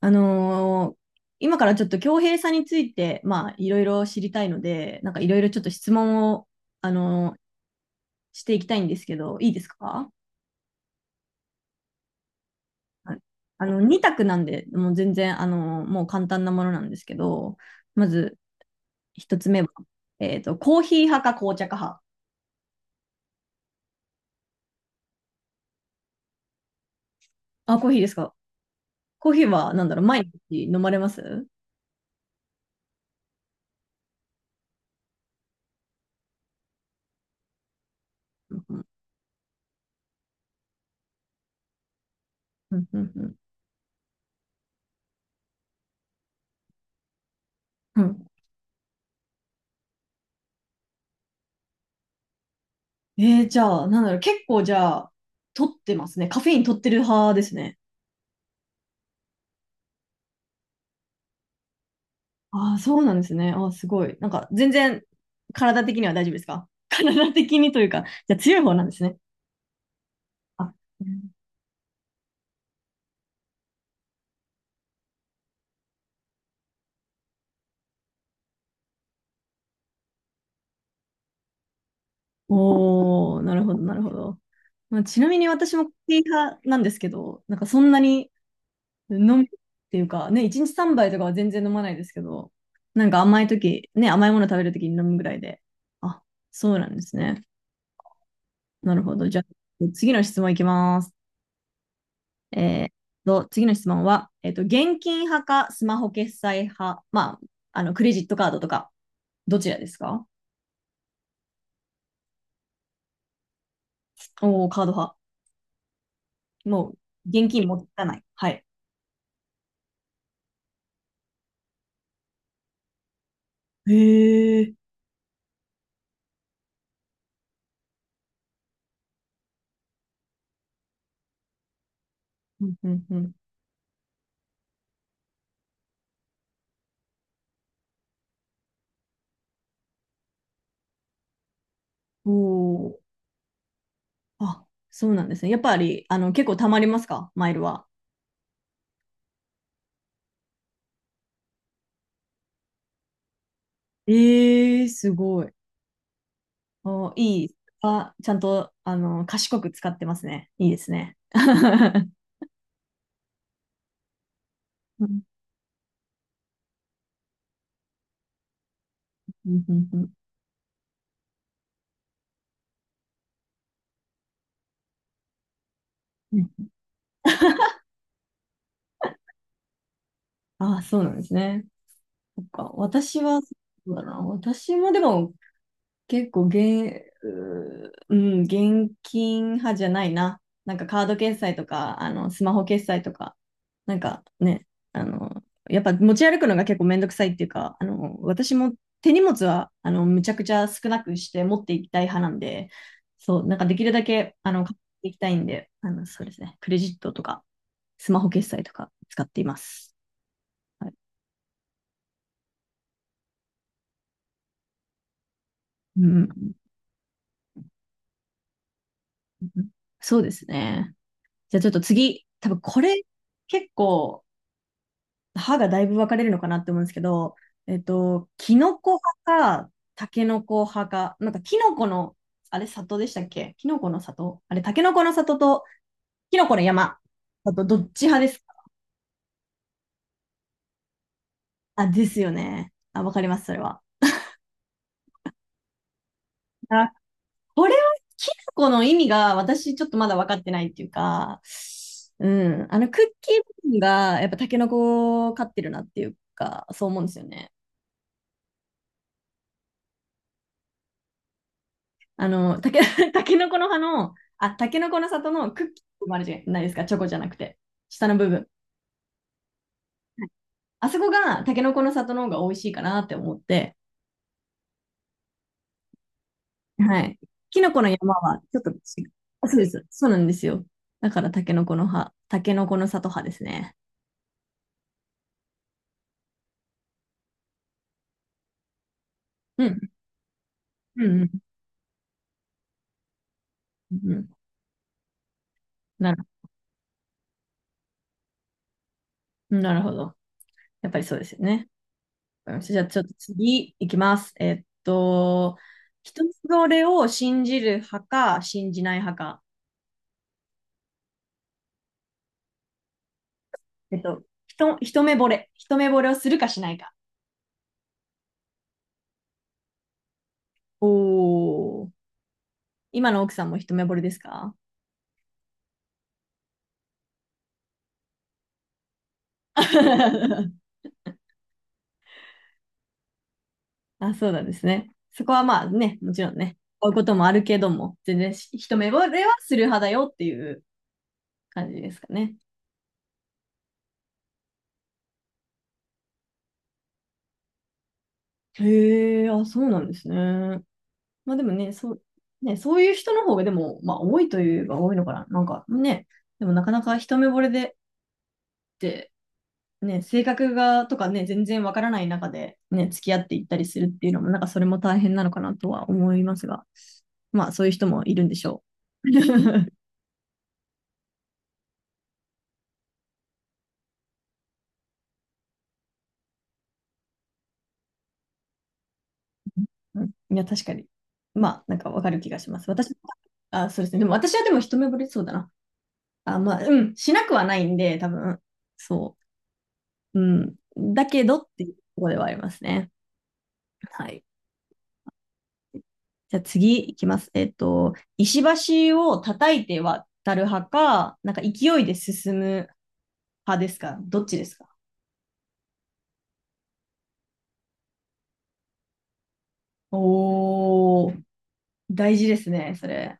あのー今からちょっと恭平さんについて、まあ、いろいろ知りたいので、なんかいろいろちょっと質問を、あのーしていきたいんですけど、いいですか？はい。あの、2択なんで、もう全然、もう簡単なものなんですけど、まず1つ目は、コーヒー派か紅茶か派。あ、コーヒーですか？コーヒーは、なんだろう、毎日飲まれます？うんうんうんうん。うん、えー、じゃあ、なんだろう、結構じゃあ、取ってますね。カフェイン取ってる派ですね。ああ、そうなんですね。ああ、すごい。なんか、全然、体的には大丈夫ですか？ 体的にというか、じゃあ強い方なんですね。あ、うん。おー、なるほど、なるほど。まあ、ちなみに私もコーヒー派なんですけど、なんかそんなに飲むっていうか、ね、1日3杯とかは全然飲まないですけど、なんか甘い時ね、甘いもの食べる時に飲むぐらいで。あ、そうなんですね。なるほど。じゃあ、次の質問いきます。えー次の質問は、現金派かスマホ決済派、まあ、あの、クレジットカードとか、どちらですか？おー、カード派。もう、現金持たない。はい。へえ。うんうんうん。おー。あ、そうなんですね。やっぱり、あの、結構貯まりますか、マイルは？ええ、すごい。おいい。あ、ちゃんと、あの、賢く使ってますね。いいですね。うんうんうんうん。あ、そうなんですね。そっか、私は、そうだな、私もでも結構現、うーうん、現金派じゃないな。なんかカード決済とか、あの、スマホ決済とか、なんかね、あの、やっぱ持ち歩くのが結構めんどくさいっていうか、あの、私も手荷物は、あの、むちゃくちゃ少なくして持っていきたい派なんで、そう、なんかできるだけ、あの、買っていきたいんで、あの、そうですね、クレジットとか、スマホ決済とか使っています。はい、うん、そうですね。じゃあちょっと次、多分これ結構歯がだいぶ分かれるのかなって思うんですけど、えっと、キノコ派か、タケノコ派か、なんかキノコの、あれ、里でしたっけ、キノコの里、あれ、タケノコの里とキノコの山だとどっち派ですか？あ、ですよね。あ、わかります、それは。あ、これはキノコの意味が私ちょっとまだ分かってないっていうか、うん、あのクッキー部分がやっぱタケノコを飼ってるなっていうか、そう思うんですよね。あの、たけ、たけのこの葉の、あ、たけのこの里のクッキーもあるじゃないですか、チョコじゃなくて、下の部分。はい。あそこがたけのこの里の方が美味しいかなって思って、はい。きのこの山はちょっと違う。あ、そうです。そうなんですよ。だからたけのこの葉、たけのこの里葉ですね。うん。うんうんうんうん。なる、なるほど。やっぱりそうですよね。わかりました。じゃあちょっと次いきます。えっと、人それを信じる派か信じない派か。えっと、一目惚れ。一目惚れをするかしないか。おー。今の奥さんも一目惚れですか？ あ、そうなんですね。そこはまあね、もちろんね、こういうこともあるけども、全然し一目惚れはする派だよっていう感じですかね。へえ、あ、そうなんですね。まあでもね、そう、ね、そういう人の方がでも、まあ多いといえば多いのかな。なんかね、でもなかなか一目惚れでって、ね、性格がとかね、全然わからない中で、ね、付き合っていったりするっていうのも、なんかそれも大変なのかなとは思いますが、まあそういう人もいるんでしょう。いや、確かに。まあ、なんかわかる気がします。私、あ、そうですね。でも私はでも一目惚れそうだな。あ、まあ、うん、しなくはないんで、多分、そう。うん。だけどっていうところではありますね。はい。じゃあ次いきます。えっと、石橋を叩いて渡る派か、なんか勢いで進む派ですか、どっちですか？おー、大事ですね、それ。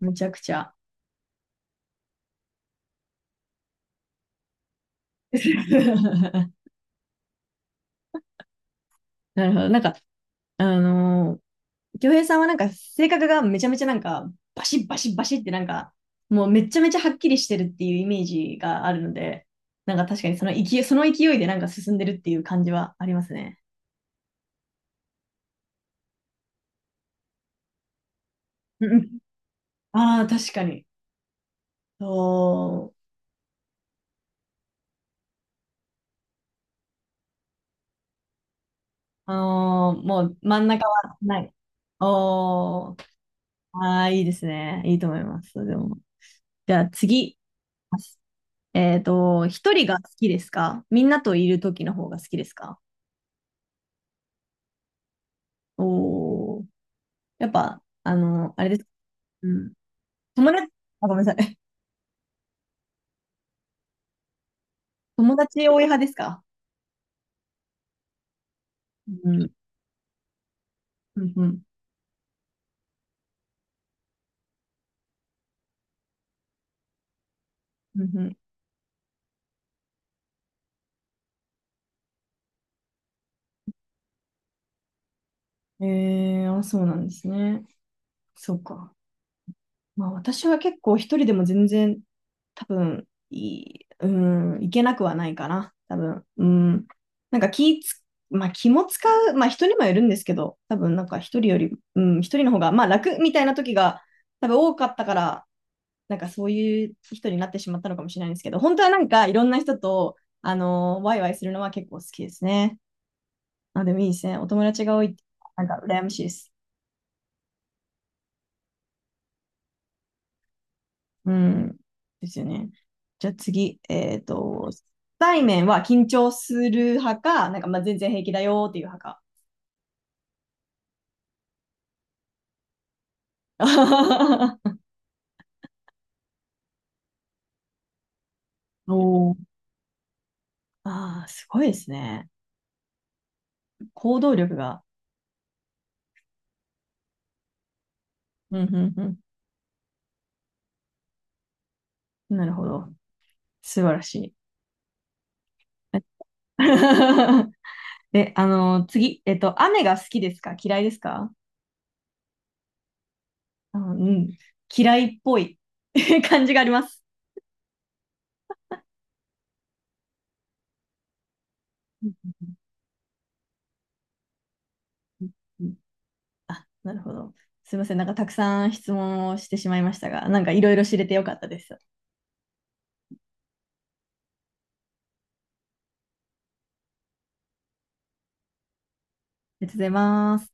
むちゃくちゃ。なるほど。なんか、あの京平さんはなんか性格がめちゃめちゃなんか、バシッバシッバシッってなんか、もうめちゃめちゃはっきりしてるっていうイメージがあるので、なんか確かにその勢い、その勢いでなんか進んでるっていう感じはありますね。うんうん。ああ、確かに。そう。あのーもう真ん中はない。おー、ああ、いいですね。いいと思います。でも。じゃあ次。えっと、一人が好きですか、みんなといる時の方が好きですか？おー。やっぱ、あの、あれです。うん。友達、あ、ごめんなさい。友達多い派ですか？うん。うんうん。うんうん。えー、あ、そうなんですね。そうか。まあ、私は結構一人でも全然多分いい、うん、いけなくはないかな。多分、うん。なんか気つ、まあ気も使う、まあ人にもよるんですけど、多分なんか一人より、うん、一人の方が、まあ楽みたいな時が多分多かったから、なんかそういう人になってしまったのかもしれないんですけど、本当はなんかいろんな人と、ワイワイするのは結構好きですね。あ、でもいいですね。お友達が多いって、なんか羨ましいです。うん。ですよね。じゃあ次、えっと、初対面は緊張する派か、なんかまあ全然平気だよっていう派か。おー。ああ、すごいですね。行動力が。うん、うん、うん。なるほど。素晴らしい。で、あの、次、えっと、雨が好きですか、嫌いですか？あのうん。嫌いっぽい 感じがあります。うんうんうん。あ、なるほど。すいません。なんかたくさん質問をしてしまいましたが、なんかいろいろ知れてよかったです。ありがとうございます。